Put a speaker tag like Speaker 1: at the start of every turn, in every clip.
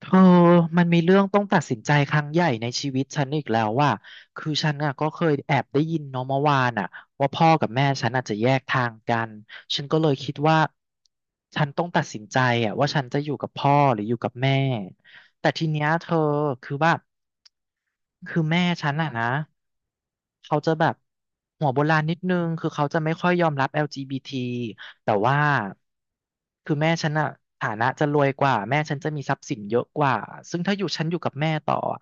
Speaker 1: เธอมันมีเรื่องต้องตัดสินใจครั้งใหญ่ในชีวิตฉันอีกแล้วว่าคือฉันอ่ะก็เคยแอบได้ยินเนาะเมื่อวานอ่ะว่าพ่อกับแม่ฉันอาจจะแยกทางกันฉันก็เลยคิดว่าฉันต้องตัดสินใจอ่ะว่าฉันจะอยู่กับพ่อหรืออยู่กับแม่แต่ทีเนี้ยเธอคือว่าคือแม่ฉันอ่ะนะเขาจะแบบหัวโบราณนิดนึงคือเขาจะไม่ค่อยยอมรับ LGBT แต่ว่าคือแม่ฉันอะฐานะจะรวยกว่าแม่ฉันจะมีทรัพย์สินเยอะกว่าซึ่งถ้าอยู่ฉันอยู่กับแม่ต่ออะ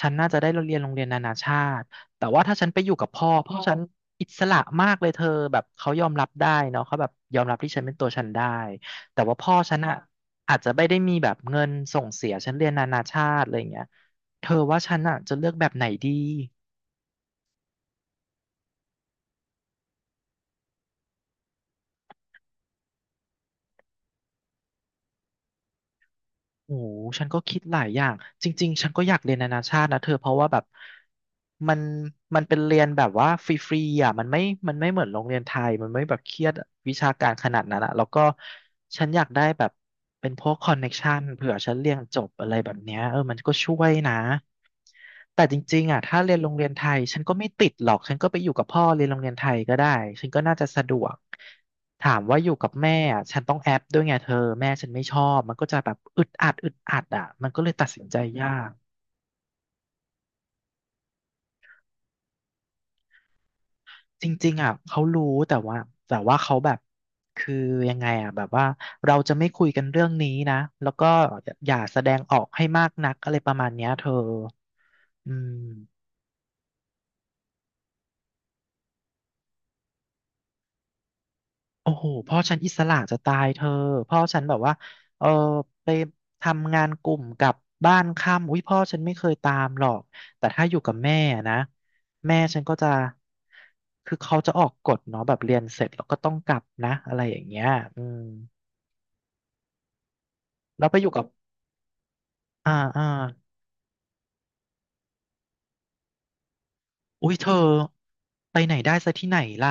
Speaker 1: ฉันน่าจะได้เรียนโรงเรียนนานาชาติแต่ว่าถ้าฉันไปอยู่กับพ่อพ่อฉันอิสระมากเลยเธอแบบเขายอมรับได้เนาะเขาแบบยอมรับที่ฉันเป็นตัวฉันได้แต่ว่าพ่อฉันอะอาจจะไม่ได้มีแบบเงินส่งเสียฉันเรียนนานาชาติอะไรอย่างเงี้ยเธอว่าฉันอะจะเลือกแบบไหนดี โอ้โหฉันก็คิดหลายอย่าง จริงๆ ฉันก็อยากเรียนนานาชาตินะเธอเพราะว่าแบบมันมันเป็นเรียนแบบว่าฟรีๆอ่ะมันไม่เหมือนโรงเรียนไทย มันไม่แบบเครียดวิชาการขนาดนั้นอะแล้วก็ฉันอยากได้แบบเป็นพวกคอนเน็กชันเผื่อฉันเรียนจบอะไรแบบเนี้ยเออมันก็ช่วยนะ แต่จริงๆอ่ะถ้าเรียนโรงเรียนไทย ฉันก็ไม่ติดหรอก ฉันก็ไปอยู่กับพ่อเรียนโรงเรียนไทยก็ได้ ฉันก็น่าจะสะดวก ถามว่าอยู่กับแม่อ่ะฉันต้องแอปด้วยไงเธอ แม่ฉันไม่ชอบ มันก็จะแบบอึดอัดอึดอัดอ่ะมันก็เลยตัดสินใจยากจริงๆอ่ะเขารู้แต่ว่าเขาแบบคือยังไงอ่ะแบบว่าเราจะไม่คุยกันเรื่องนี้นะแล้วก็อย่าแสดงออกให้มากนักอะไรประมาณเนี้ยเธออืม โอ้โหพ่อฉันอิสระจะตายเธอพ่อฉันแบบว่าเออไปทำงานกลุ่มกลับบ้านค่ำอุ้ยพ่อฉันไม่เคยตามหรอกแต่ถ้าอยู่กับแม่นะแม่ฉันก็จะคือเขาจะออกกฎเนาะแบบเรียนเสร็จแล้วก็ต้องกลับนะอะไรอย่างเงี้ยอืมแล้วไปอยู่กับอ่าอ่า อุ้ยเธอไปไหนได้ซะที่ไหนล่ะ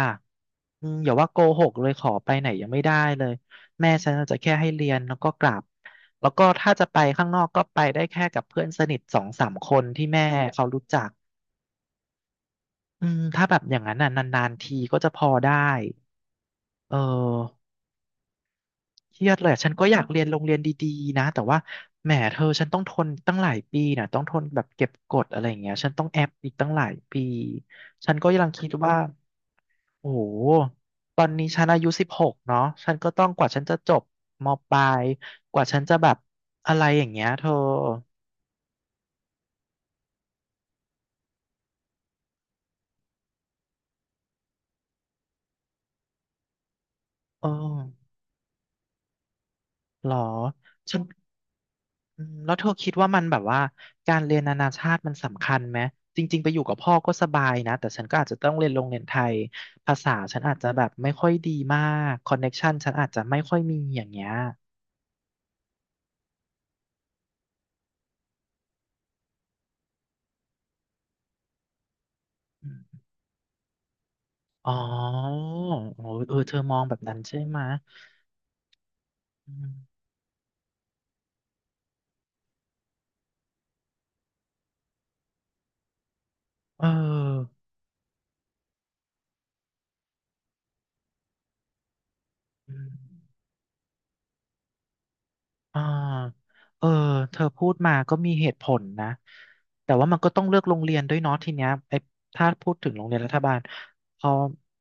Speaker 1: อืมอย่าว่าโกหกเลยขอไปไหนยังไม่ได้เลยแม่ฉันจะแค่ให้เรียนแล้วก็กลับแล้วก็ถ้าจะไปข้างนอกก็ไปได้แค่กับเพื่อนสนิทสองสามคนที่แม่เขารู้จักอืมถ้าแบบอย่างนั้นน่ะนานๆทีก็จะพอได้เออเครียดเลยฉันก็อยากเรียนโรงเรียนดีๆนะแต่ว่าแหมเธอฉันต้องทนตั้งหลายปีน่ะต้องทนแบบเก็บกดอะไรอย่างเงี้ยฉันต้องแอบอีกตั้งหลายปีฉันก็ยังคิดว่า โอ้โหตอนนี้ฉันอายุ16เนาะฉันก็ต้องกว่าฉันจะจบมปลายกว่าฉันจะแบบอะไรอย่างเงี้ยเธอเออเหรอฉันอืมแล้วเธอคิดว่ามันแบบว่าการเรียนนานาชาติมันสำคัญไหมจริงๆไปอยู่กับพ่อก็สบายนะ แต่ฉันก็อาจจะต้องเรียนโรงเรียนไทยภาษาฉันอาจจะแบบไม่ค่อยดีมากคอนเน็กชันฉันอาจจะไม่ค่อยมีอย่างเงี้ยอืมอ๋อโอ้ยเออเธอมองแบบนั้นใช่ไหมะอืมเอออืม อ่าเออ เธอพูดมาก็มีเหตุผลนะ แต่ว่ามันก็ต้องเลือกโรงเรียนด้วยเนาะทีเนี้ยไอ้ถ้าพูดถึงโรงเรียนรัฐบาลพอ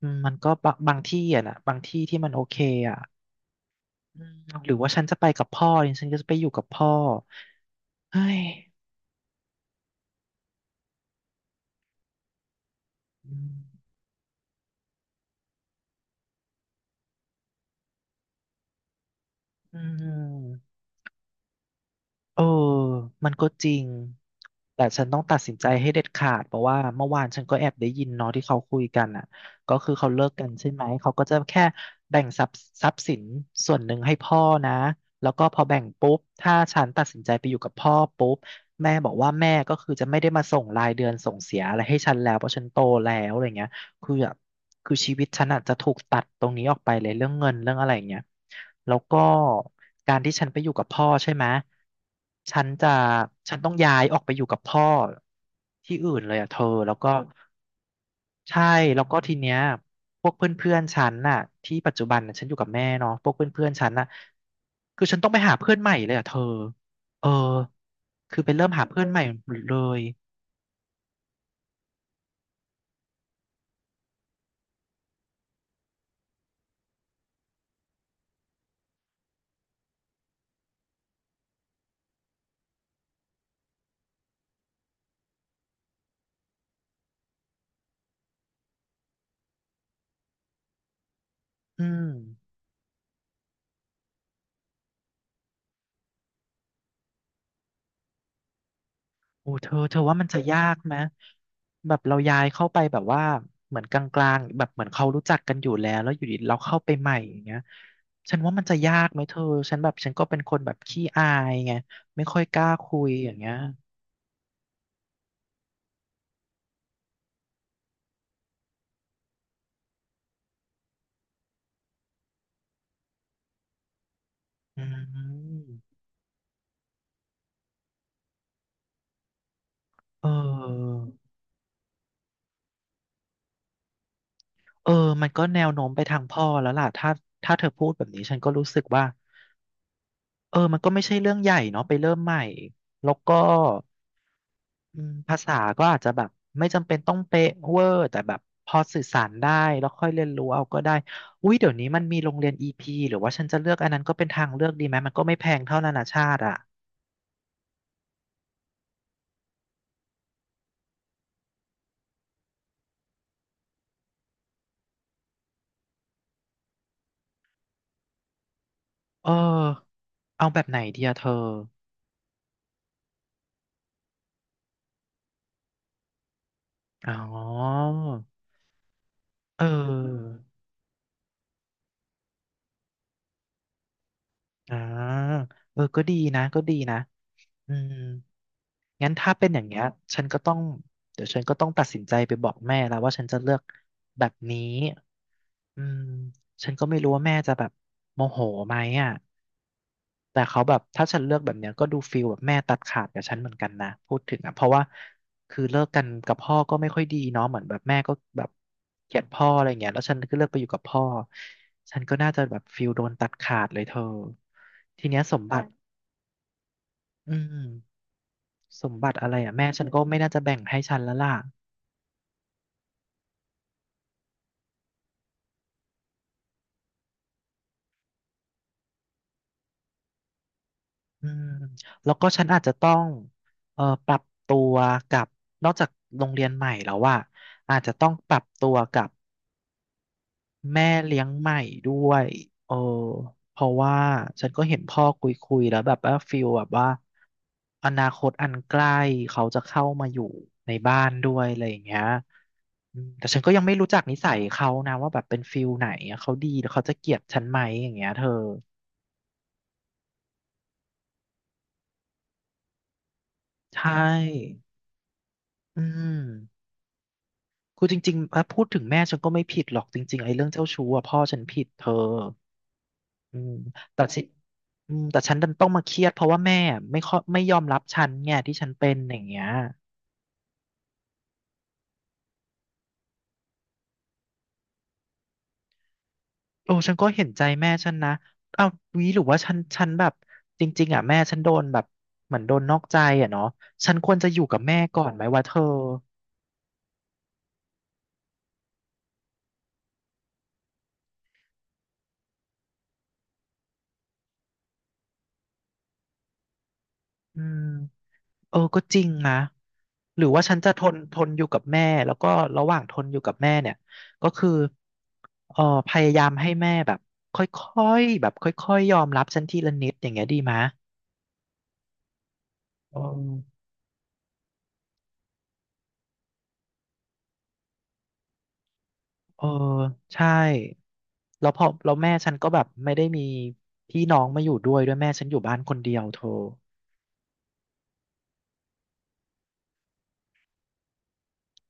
Speaker 1: อืมมันก็บะบางที่อ่ะนะบางที่ที่มันโอเคอ่ะอืมหรือว่าฉันจะไปกับพ่อดิฉันก็จะไปอยู่กับพ่อเฮ้ยอืมอืม เออมันก็จริง แต่ฉันต้องตัดสินใจให้เด็ดขาดเพราะว่าเมื่อวานฉันก็แอบได้ยินเนาะที่เขาคุยกันอ่ะก็คือเขาเลิกกันใช่ไหมเขาก็จะแค่แบ่งทรัพย์สินส่วนหนึ่งให้พ่อนะแล้วก็พอแบ่งปุ๊บถ้าฉันตัดสินใจไปอยู่กับพ่อปุ๊บแม่บอกว่าแม่ก็คือจะไม่ได้มาส่งรายเดือนส่งเสียอะไรให้ฉันแล้วเพราะฉันโตแล้วอะไรเงี้ย คือแบบคือชีวิตฉันอาจจะถูกตัดตรงนี้ออกไปเลยเรื่องเงินเรื่องอะไรอย่างเงี้ยแล้วก็การที่ฉันไปอยู่กับพ่อใช่ไหมฉันจะฉันต้องย้ายออกไปอยู่กับพ่อที่อื่นเลยอ่ะเธอแล้วก็ใช่แล้วก็ทีเนี้ยพวกเพื่อนๆฉันน่ะที่ปัจจุบันน่ะฉันอยู่กับแม่เนาะพวกเพื่อนๆฉันน่ะคือฉันต้องไปหาเพื่อนใหม่เลยอ่ะเธอเออคือไปเริ่มหาเพื่อนใหม่หมดเลยอืม โอ้เธอเธอว่ามันจะยากไหมแบบเราย้ายเข้าไปแบบว่าเหมือนกลางๆแบบเหมือนเขารู้จักกันอยู่แล้วแล้วอยู่ดีเราเข้าไปใหม่อย่างเงี้ยฉันว่ามันจะยากไหมเธอฉันแบบฉันก็เป็นคนแบบขี้อายไงไม่ค่อยกล้าคุยอย่างเงี้ยอืมเออเออมันก็แนวโน้มไปทางพ่อแล้วล่ะถ้าถ้าเธอพูดแบบนี้ฉันก็รู้สึกว่าเออมันก็ไม่ใช่เรื่องใหญ่เนาะไปเริ่มใหม่แล้วก็ อืมภาษาก็อาจจะแบบไม่จำเป็นต้องเป๊ะเวอร์แต่แบบพอสื่อสารได้แล้วค่อยเรียนรู้เอาก็ได้อุ้ยเดี๋ยวนี้มันมีโรงเรียน EP หรือว่าฉันจะเลือกอันนั้นก็เป็นทางเลือกดีไหมมันก็ไม่แพงเท่านานาชาติอ่ะเออเอาแบบไหนดีอะเธออ๋อเอออ่าเออก็ดีนะก็ดีนะอืม งั้นถ้าเป็นอย่างเงี้ยฉันก็ต้องเดี๋ยวฉันก็ต้องตัดสินใจไปบอกแม่แล้วว่าฉันจะเลือกแบบนี้อืมฉันก็ไม่รู้ว่าแม่จะแบบโมโหไหมอ่ะแต่เขาแบบถ้าฉันเลือกแบบเนี้ยก็ดูฟีลแบบแม่ตัดขาดกับฉันเหมือนกันนะพูดถึงอ่ะเพราะว่าคือเลิกกันกับพ่อก็ไม่ค่อยดีเนาะเหมือนแบบแม่ก็แบบเกลียดพ่ออะไรเงี้ยแล้วฉันก็เลือกไปอยู่กับพ่อฉันก็น่าจะแบบฟีลโดนตัดขาดเลยเธอทีเนี้ยสมบัติอืม สมบัติอะไรอ่ะแม่ฉันก็ไม่น่าจะแบ่งให้ฉันแล้วล่ะอืมแล้วก็ฉันอาจจะต้องปรับตัวกับนอกจากโรงเรียนใหม่แล้วว่าอาจจะต้องปรับตัวกับแม่เลี้ยงใหม่ด้วยเออเพราะว่าฉันก็เห็นพ่อคุยคุยแล้วแบบว่าฟิลแบบว่าอนาคตอันใกล้เขาจะเข้ามาอยู่ในบ้านด้วยอะไรอย่างเงี้ยอืมแต่ฉันก็ยังไม่รู้จักนิสัยเขานะว่าแบบเป็นฟิลไหนอะเขาดีหรือเขาจะเกลียดฉันไหมอย่างเงี้ยเธอ ใช่ อืมคือจริงๆอ่ะพูดถึงแม่ฉันก็ไม่ผิดหรอกจริงๆไอ้เรื่องเจ้าชู้อะพ่อฉันผิดเธออืมแต่สิอืมแต่ฉันดันต้องมาเครียดเพราะว่าแม่ไม่ค่อยไม่ยอมรับฉันไงที่ฉันเป็นอย่างเงี้ยโอ้ฉันก็เห็นใจแม่ฉันนะเอ้าวีหรือว่าฉันฉันแบบจริงๆอ่ะแม่ฉันโดนแบบเหมือนโดนนอกใจอ่ะเนาะฉันควรจะอยู่กับแม่ก่อนไหมวะเธออืม เออก็จริงนะหรือว่าฉันจะทนทนอยู่กับแม่แล้วก็ระหว่างทนอยู่กับแม่เนี่ยก็คือเออพยายามให้แม่แบบค่อยๆแบบค่อยๆยอมรับฉันทีละนิดอย่างเงี้ยดีไหมะเออเออใช่แล้วพอแล้วแม่ฉันก็แบบไม่ได้มีพี่น้องมาอยู่ด้วยด้วยแม่ฉันอยู่บ้านคนเดียวเธอ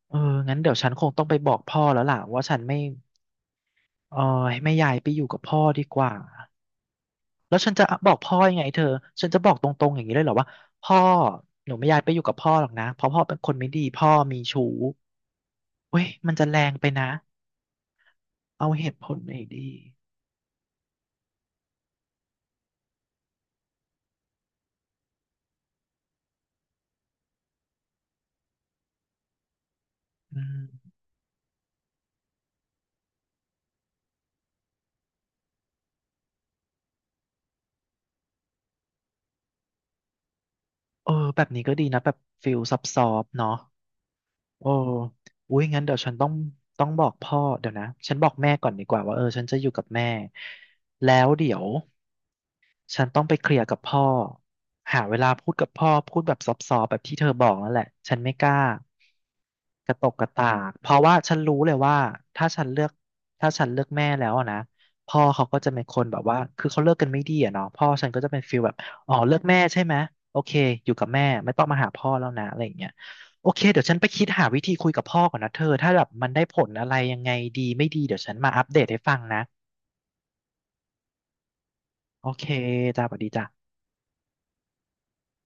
Speaker 1: เอองั้นเดี๋ยวฉันคงต้องไปบอกพ่อแล้วล่ะว่าฉันไม่เออให้ไม่ย้ายไปอยู่กับพ่อดีกว่า แล้วฉันจะบอกพ่อยังไงเธอ ฉันจะบอกตรงๆอย่างนี้เลยเหรอว่าพ่อหนูไม่อยากไปอยู่กับพ่อหรอกนะเพราะพ่อเป็นคนไม่ดีพ่อมีชู้เว้ยมันจะแรงไปนะเอาเหตุผลหน่อยดีอืมเออแบบนี้ก็ดีนะแบบฟิลซับซอบเนาะโอ้อุ้ยงั้นเดี๋ยวฉันต้องต้องบอกพ่อเดี๋ยวนะฉันบอกแม่ก่อนดีกว่าว่าเออฉันจะอยู่กับแม่แล้วเดี๋ยว ฉันต้องไปเคลียร์กับพ่อหาเวลาพูดกับพ่อพูดแบบซอฟๆแบบที่เธอบอกนั่นแหละฉันไม่กล้า กระตกกระตาก เพราะว่าฉันรู้เลยว่าถ้าฉันเลือกถ้าฉันเลือกแม่แล้วอะนะพ่อเขาก็จะเป็นคนแบบว่าคือเขาเลิกกันไม่ดีอะเนาะพ่อฉันก็จะเป็นฟีลแบบอ๋อเลือกแม่ใช่ไหมโอเคอยู่กับแม่ไม่ต้องมาหาพ่อแล้วนะอะไรอย่างเงี้ยโอเคเดี๋ยวฉันไปคิดหาวิธีคุยกับพ่อก่อนนะเธอถ้าแบบมันได้ผลอะไรยังไงดีไม่ดีเดี๋ยวฉันมาอัปเดตให้ฟังนะโอเคจ้าสวัสดีจ้า